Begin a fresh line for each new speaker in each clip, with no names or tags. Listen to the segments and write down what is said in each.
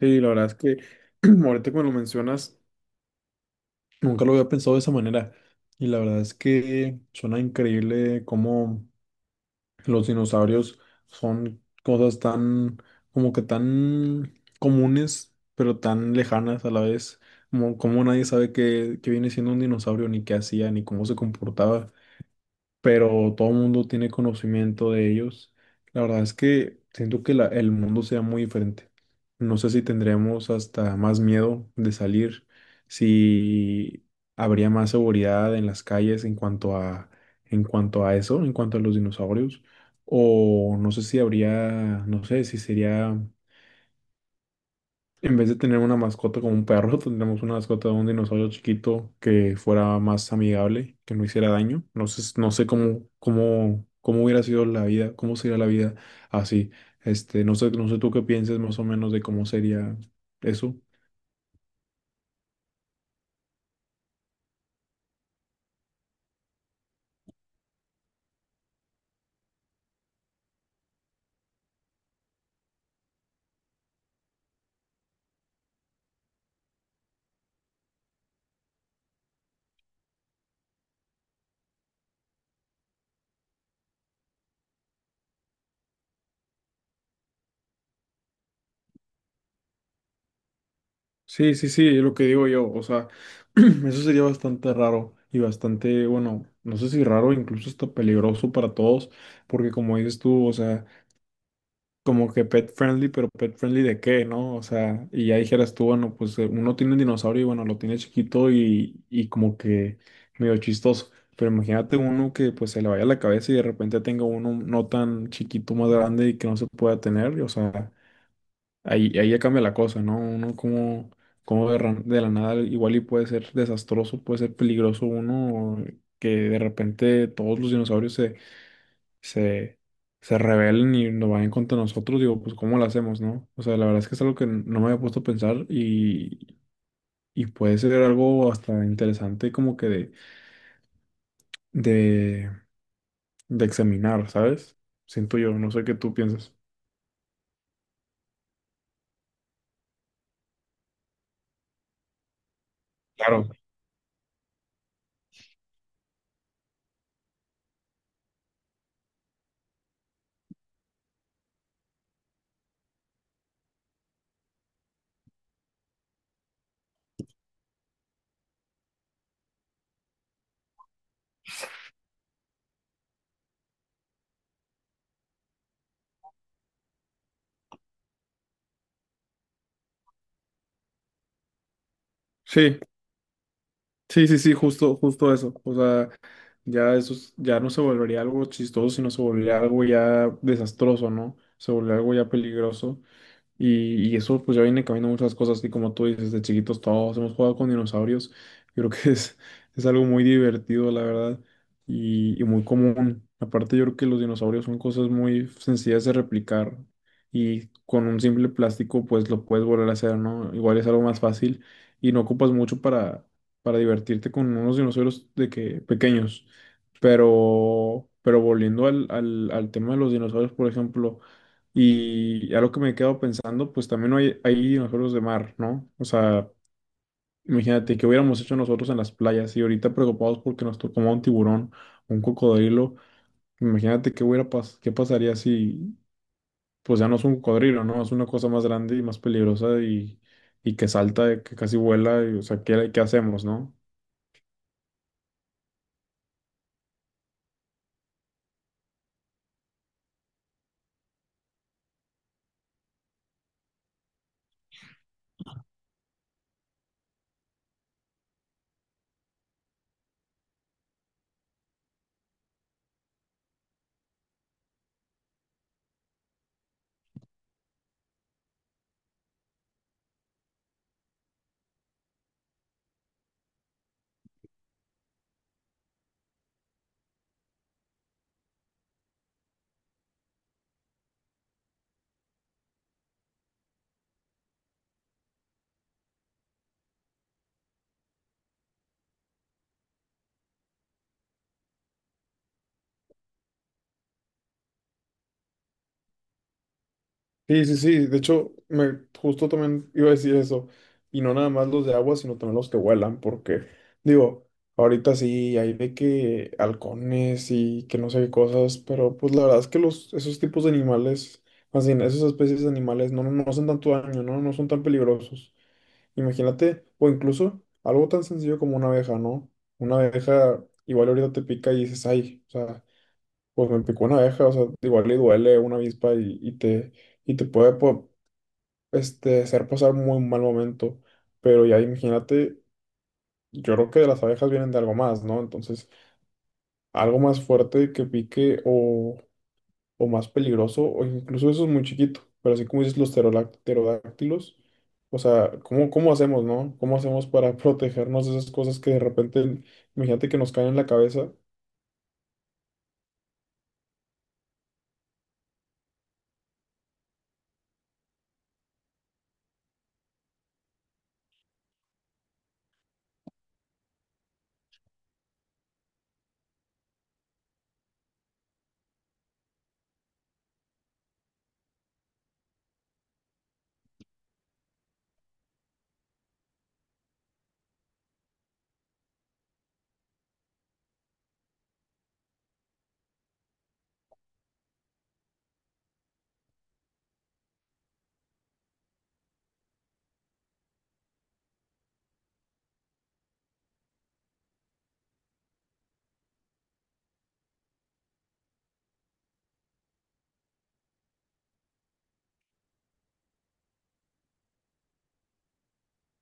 Sí, la verdad es que ahorita como lo mencionas, nunca lo había pensado de esa manera. Y la verdad es que suena increíble cómo los dinosaurios son cosas tan, como que tan comunes, pero tan lejanas a la vez. Como nadie sabe qué viene siendo un dinosaurio, ni qué hacía, ni cómo se comportaba, pero todo el mundo tiene conocimiento de ellos. La verdad es que siento que el mundo sea muy diferente. No sé si tendríamos hasta más miedo de salir, si habría más seguridad en las calles en cuanto a eso, en cuanto a los dinosaurios, o no sé si habría, no sé si sería, en vez de tener una mascota como un perro, tendríamos una mascota de un dinosaurio chiquito que fuera más amigable, que no hiciera daño. No sé, no sé cómo, cómo, cómo hubiera sido la vida, cómo sería la vida así. Este, no sé, no sé tú qué pienses más o menos de cómo sería eso. Sí, sí, sí, es lo que digo yo. O sea, eso sería bastante raro y bastante, bueno, no sé si raro, incluso hasta peligroso para todos, porque como dices tú, o sea, como que pet friendly, pero pet friendly de qué, ¿no? O sea, y ya dijeras tú, bueno, pues uno tiene un dinosaurio y bueno, lo tiene chiquito y como que medio chistoso. Pero imagínate uno que pues se le vaya la cabeza y de repente tenga uno no tan chiquito, más grande y que no se pueda tener. O sea, ahí, ahí ya cambia la cosa, ¿no? Uno como, como de, de la nada igual y puede ser desastroso, puede ser peligroso uno que de repente todos los dinosaurios se, se rebelen y nos vayan contra nosotros, digo, pues ¿cómo lo hacemos, no? O sea, la verdad es que es algo que no me había puesto a pensar y puede ser algo hasta interesante como que de, de examinar, ¿sabes? Siento yo, no sé qué tú piensas. Claro. Sí, sí, sí, sí, justo, justo eso. O sea, ya eso, ya no se volvería algo chistoso, sino se volvería algo ya desastroso, ¿no? Se volvería algo ya peligroso. Y eso pues ya viene cambiando muchas cosas y como tú dices, de chiquitos todos hemos jugado con dinosaurios. Yo creo que es algo muy divertido, la verdad, y muy común. Aparte yo creo que los dinosaurios son cosas muy sencillas de replicar y con un simple plástico pues lo puedes volver a hacer, ¿no? Igual es algo más fácil y no ocupas mucho para divertirte con unos dinosaurios de que pequeños. Pero volviendo al tema de los dinosaurios, por ejemplo. Y a lo que me quedo pensando, pues también hay dinosaurios de mar, ¿no? O sea, imagínate que hubiéramos hecho nosotros en las playas y ahorita preocupados porque nos tocó un tiburón, o un cocodrilo. Imagínate qué pasaría si, pues ya no es un cocodrilo, ¿no? Es una cosa más grande y más peligrosa y que salta, que casi vuela, y, o sea, ¿qué, qué hacemos, no? Sí, sí, sí. De hecho, me justo también iba a decir eso. Y no nada más los de agua, sino también los que vuelan, porque digo, ahorita sí hay de que halcones y que no sé qué cosas, pero pues la verdad es que los, esos tipos de animales, más bien, esas especies de animales no, no hacen tanto daño, ¿no? No son tan peligrosos. Imagínate, o incluso algo tan sencillo como una abeja, ¿no? Una abeja igual ahorita te pica y dices, ay, o sea, pues me picó una abeja, o sea, igual le duele una avispa y te puede... hacer pasar un muy mal momento, pero ya imagínate, yo creo que de las abejas vienen de algo más, ¿no? Entonces, algo más fuerte que pique o más peligroso, o incluso eso es muy chiquito, pero así como dices los pterodáctilos, o sea, ¿cómo, cómo hacemos, no? ¿Cómo hacemos para protegernos de esas cosas que de repente, imagínate que nos caen en la cabeza?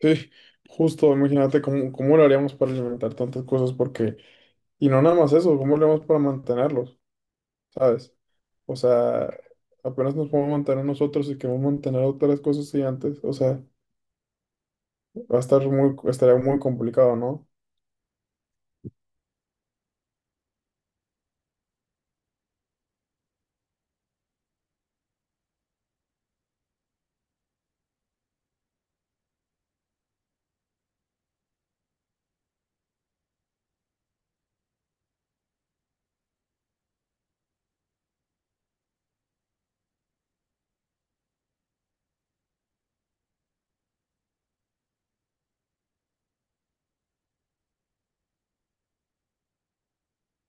Sí, justo, imagínate cómo, cómo lo haríamos para alimentar tantas cosas, porque, y no nada más eso, ¿cómo lo haríamos para mantenerlos? ¿Sabes? O sea, apenas nos podemos mantener nosotros y queremos mantener otras cosas y antes, o sea, va a estar muy, estaría muy complicado, ¿no?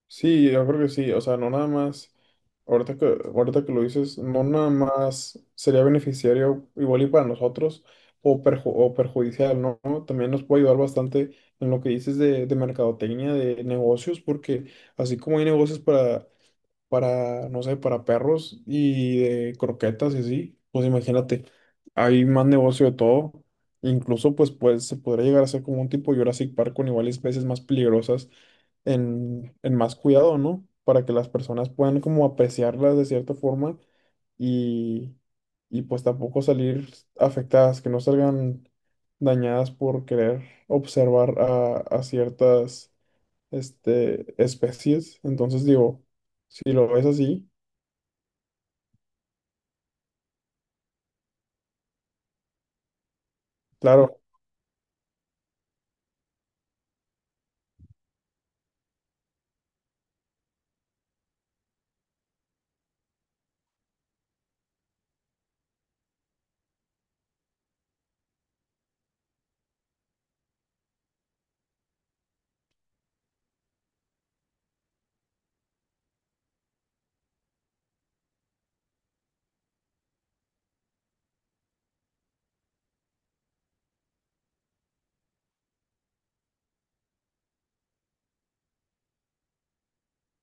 Sí, yo creo que sí, o sea, no nada más, ahorita que, ahorita que lo dices, no nada más sería beneficiario igual y para nosotros o, o perjudicial, ¿no? También nos puede ayudar bastante en lo que dices de mercadotecnia, de negocios, porque así como hay negocios para, no sé, para perros y de croquetas y así, pues imagínate, hay más negocio de todo, incluso pues, pues se podría llegar a ser como un tipo Jurassic Park con igual y especies más peligrosas en más cuidado, ¿no? Para que las personas puedan como apreciarlas de cierta forma y, y pues tampoco salir afectadas, que no salgan dañadas por querer observar a ciertas este, especies. Entonces digo, si lo ves así, claro,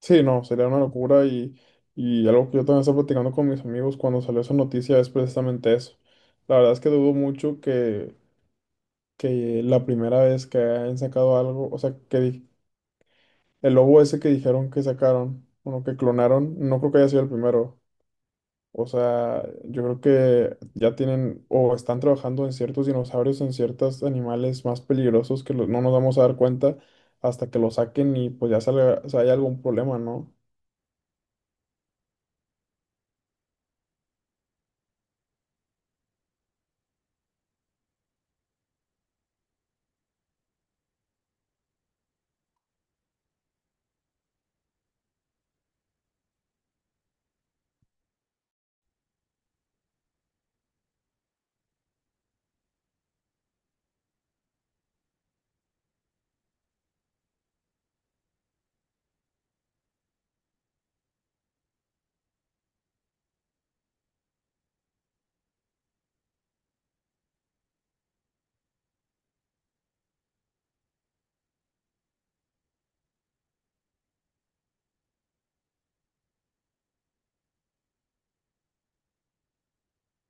sí, no, sería una locura y algo que yo también estaba platicando con mis amigos cuando salió esa noticia es precisamente eso. La verdad es que dudo mucho que la primera vez que han sacado algo, o sea, el lobo ese que dijeron que sacaron, bueno, que clonaron, no creo que haya sido el primero. O sea, yo creo que ya tienen o están trabajando en ciertos dinosaurios, en ciertos animales más peligrosos que no nos vamos a dar cuenta hasta que lo saquen y pues ya salga, o sea, hay algún problema, ¿no?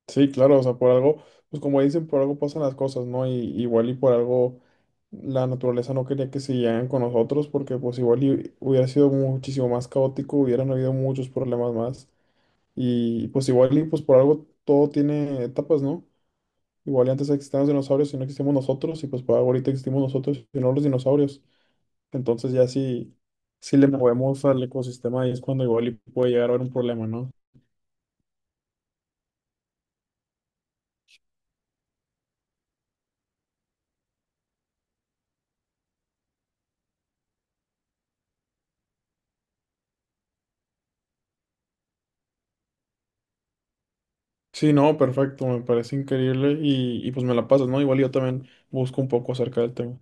Sí, claro, o sea, por algo, pues como dicen, por algo pasan las cosas, ¿no? Y igual y por algo la naturaleza no quería que se siguieran con nosotros, porque pues igual y hubiera sido muchísimo más caótico, hubieran habido muchos problemas más. Y pues igual y pues por algo todo tiene etapas, ¿no? Igual y antes existían los dinosaurios y no existimos nosotros, y pues por algo ahorita existimos nosotros y no los dinosaurios. Entonces ya sí, sí le movemos al ecosistema y es cuando igual y puede llegar a haber un problema, ¿no? Sí, no, perfecto, me parece increíble y pues me la pasas, ¿no? Igual yo también busco un poco acerca del tema.